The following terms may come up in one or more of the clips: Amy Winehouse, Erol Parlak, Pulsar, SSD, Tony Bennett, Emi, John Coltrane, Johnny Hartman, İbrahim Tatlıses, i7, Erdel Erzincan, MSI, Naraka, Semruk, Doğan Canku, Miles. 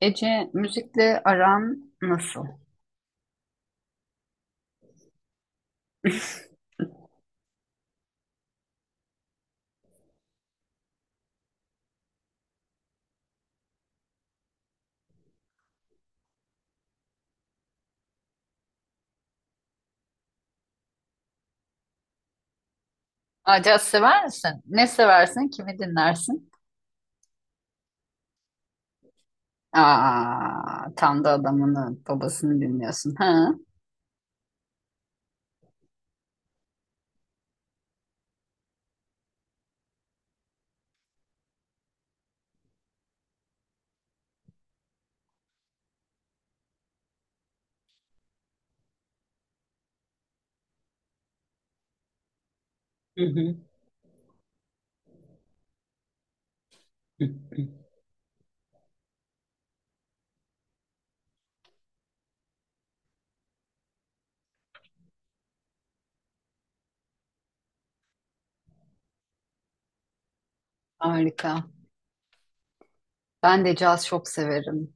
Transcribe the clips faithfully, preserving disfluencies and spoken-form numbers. Ece, müzikle aran nasıl? Aa, caz sever misin? Ne seversin? Kimi dinlersin? Aa, tam da adamını, babasını dinliyorsun. Ha? Hı hı. Harika. Ben de caz çok severim.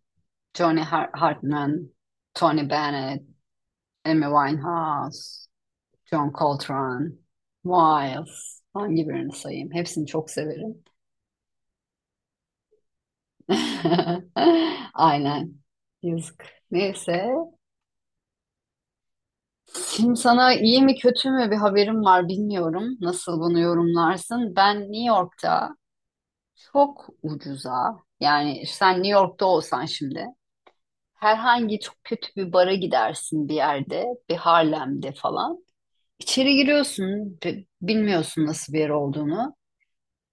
Johnny Har- Hartman, Tony Bennett, Amy Winehouse, John Coltrane, Miles. Hangi birini sayayım? Hepsini çok severim. Aynen. Yazık. Neyse. Şimdi sana iyi mi kötü mü bir haberim var bilmiyorum. Nasıl bunu yorumlarsın? Ben New York'ta çok ucuza, yani sen New York'ta olsan şimdi herhangi çok kötü bir bara gidersin, bir yerde, bir Harlem'de falan. İçeri giriyorsun, bi- bilmiyorsun nasıl bir yer olduğunu,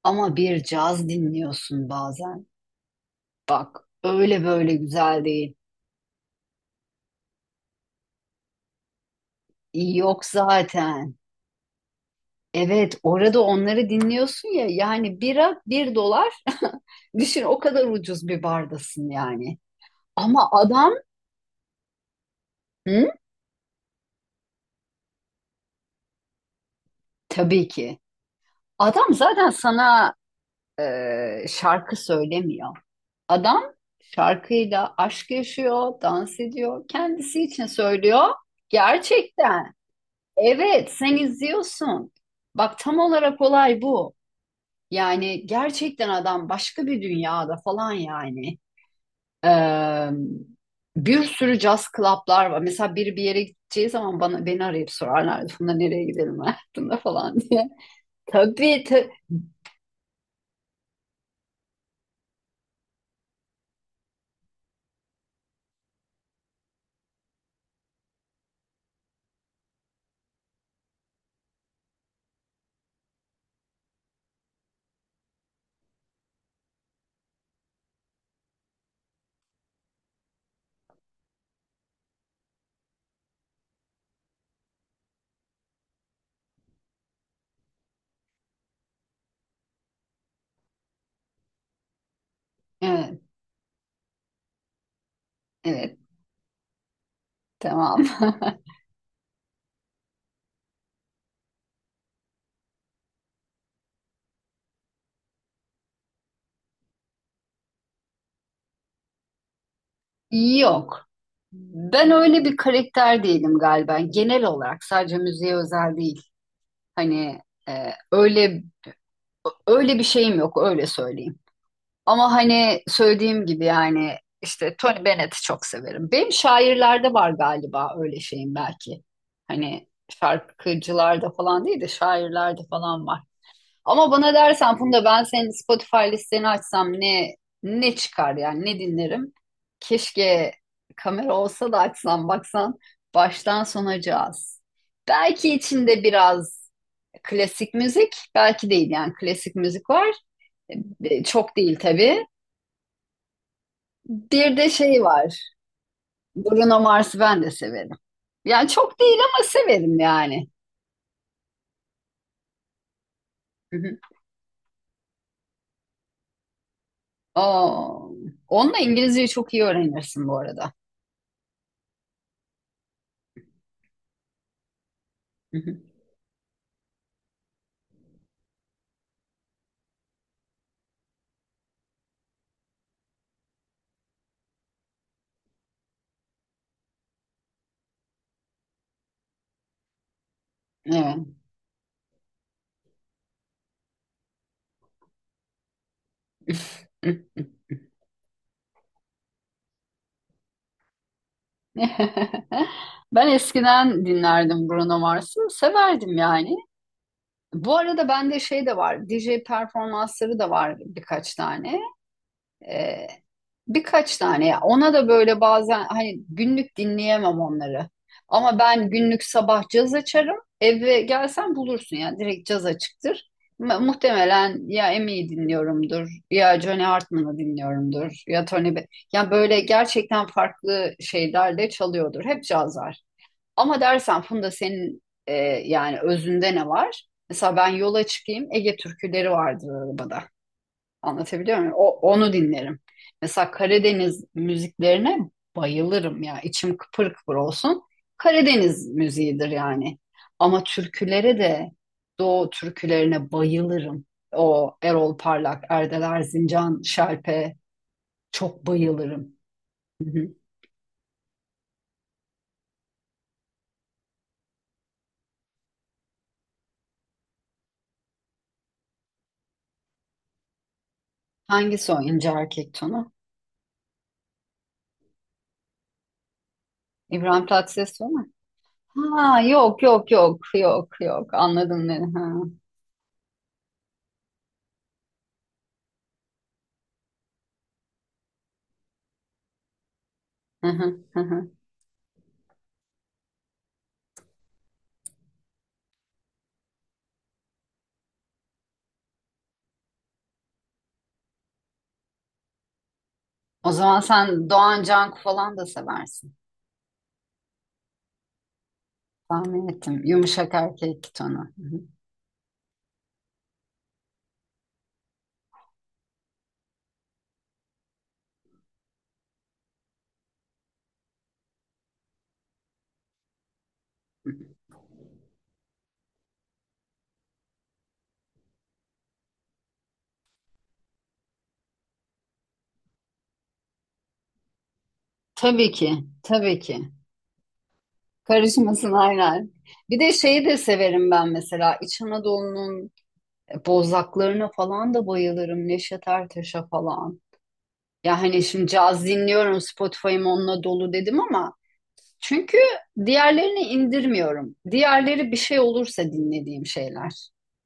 ama bir caz dinliyorsun bazen. Bak, öyle böyle güzel değil. İyi yok zaten. Evet, orada onları dinliyorsun ya, yani bira bir dolar. düşün, o kadar ucuz bir bardasın yani. Ama adam, hı? Tabii ki. Adam zaten sana e, şarkı söylemiyor. Adam şarkıyla aşk yaşıyor, dans ediyor, kendisi için söylüyor. Gerçekten. Evet, sen izliyorsun. Bak, tam olarak olay bu. Yani gerçekten adam başka bir dünyada falan yani. Ee, bir sürü jazz club'lar var. Mesela biri bir yere gideceği zaman bana, beni arayıp sorarlar. Funda, nereye gidelim hayatında falan diye. Tabii tabii. Evet, evet, tamam. Yok. Ben öyle bir karakter değilim galiba. Genel olarak, sadece müziğe özel değil. Hani, e, öyle öyle bir şeyim yok, öyle söyleyeyim. Ama hani söylediğim gibi, yani işte Tony Bennett'i çok severim. Benim şairlerde var galiba öyle şeyim, belki. Hani şarkıcılarda falan değil de şairlerde falan var. Ama bana dersen Funda, ben senin Spotify listeni açsam ne ne çıkar yani, ne dinlerim? Keşke kamera olsa da açsam, baksan, baştan sona caz. Belki içinde biraz klasik müzik, belki değil, yani klasik müzik var. E, Çok değil tabii. Bir de şey var. Bruno Mars'ı ben de severim. Yani çok değil ama severim yani. Hı hı. Aa, onunla İngilizceyi çok iyi öğrenirsin bu arada. Hı hı. Evet. Ben eskiden dinlerdim Bruno Mars'ı. Severdim yani. Bu arada bende şey de var. D J performansları da var birkaç tane. Ee, birkaç tane ya. Ona da böyle bazen, hani günlük dinleyemem onları. Ama ben günlük sabah caz açarım. Eve gelsen bulursun ya. Direkt caz açıktır. Mu- Muhtemelen ya Emi'yi dinliyorumdur, ya Johnny Hartman'ı dinliyorumdur, ya Tony Be... Yani böyle gerçekten farklı şeyler de çalıyordur. Hep caz var. Ama dersen Funda senin, e, yani özünde ne var? Mesela ben yola çıkayım, Ege türküleri vardır arabada. Anlatabiliyor muyum? O, onu dinlerim. Mesela Karadeniz müziklerine bayılırım ya. İçim kıpır kıpır olsun. Karadeniz müziğidir yani. Ama türkülere de, Doğu türkülerine bayılırım. O Erol Parlak, Erdel Erzincan, Şerpe, çok bayılırım. Hı hı. Hangisi o ince erkek tonu? İbrahim Tatlıses o mu? Ha, yok yok yok yok yok, anladım beni. Ha. Hı hı, hı hı. O zaman sen Doğan Canku falan da seversin. Tahmin ettim. Yumuşak erkek tonu. Hı hı. Tabii ki, tabii ki. Karışmasın aynen. Bir de şeyi de severim ben mesela. İç Anadolu'nun bozlaklarına falan da bayılırım. Neşet Ertaş'a falan. Ya hani şimdi caz dinliyorum, Spotify'ım onunla dolu dedim ama çünkü diğerlerini indirmiyorum. Diğerleri, bir şey olursa dinlediğim şeyler.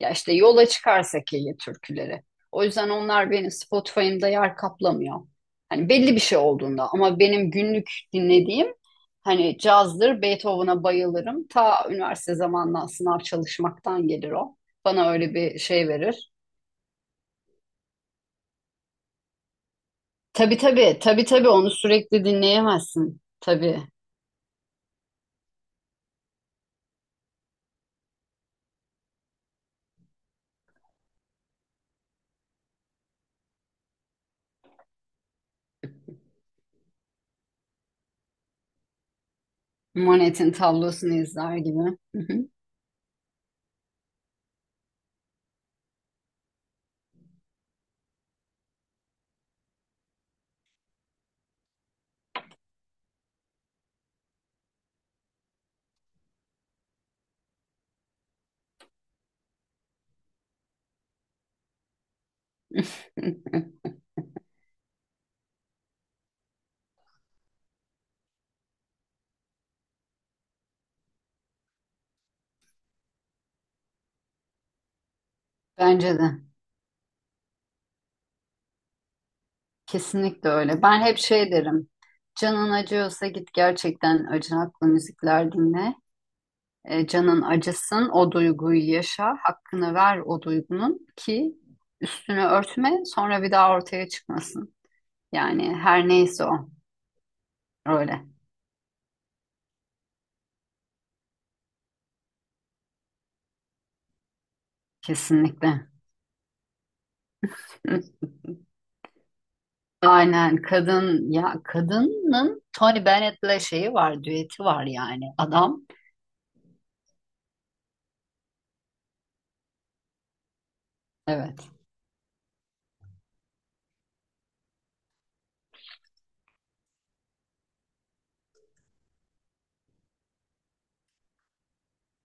Ya işte yola çıkarsak Ege türküleri. O yüzden onlar benim Spotify'ımda yer kaplamıyor. Hani belli bir şey olduğunda, ama benim günlük dinlediğim, hani cazdır, Beethoven'a bayılırım. Ta üniversite zamanından, sınav çalışmaktan gelir o. Bana öyle bir şey verir. Tabii tabii, tabii tabii onu sürekli dinleyemezsin. Tabii. Monet'in tablosunu izler gibi. Bence de. Kesinlikle öyle. Ben hep şey derim. Canın acıyorsa git gerçekten acınaklı müzikler dinle. E, canın acısın, o duyguyu yaşa, hakkını ver o duygunun ki üstünü örtme, sonra bir daha ortaya çıkmasın. Yani her neyse o. Öyle. Kesinlikle. Aynen, kadın ya, kadının Tony Bennett'le şeyi var, düeti var yani. Adam. Evet.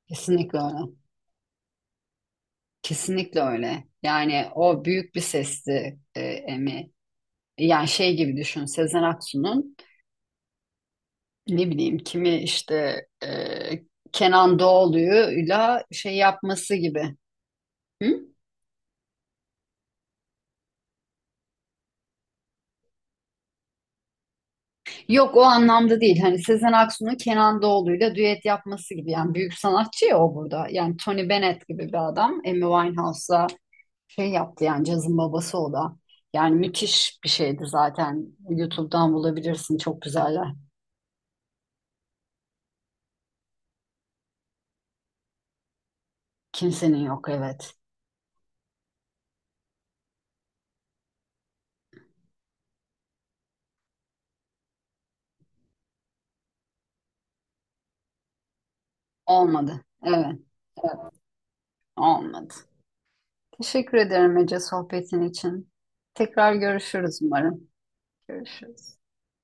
Kesinlikle öyle. Kesinlikle öyle. Yani o büyük bir sesti, e, Emi. Yani şey gibi düşün, Sezen Aksu'nun ne bileyim kimi işte, e, Kenan Doğulu'yla şey yapması gibi. Hı? Yok, o anlamda değil. Hani Sezen Aksu'nun Kenan Doğulu'yla düet yapması gibi. Yani büyük sanatçı ya o burada. Yani Tony Bennett gibi bir adam. Amy Winehouse'la şey yaptı yani, cazın babası o da. Yani müthiş bir şeydi zaten. YouTube'dan bulabilirsin, çok güzeller. Kimsenin yok, evet. Olmadı. Evet, evet, olmadı. Teşekkür ederim Ece, sohbetin için. Tekrar görüşürüz umarım. Görüşürüz.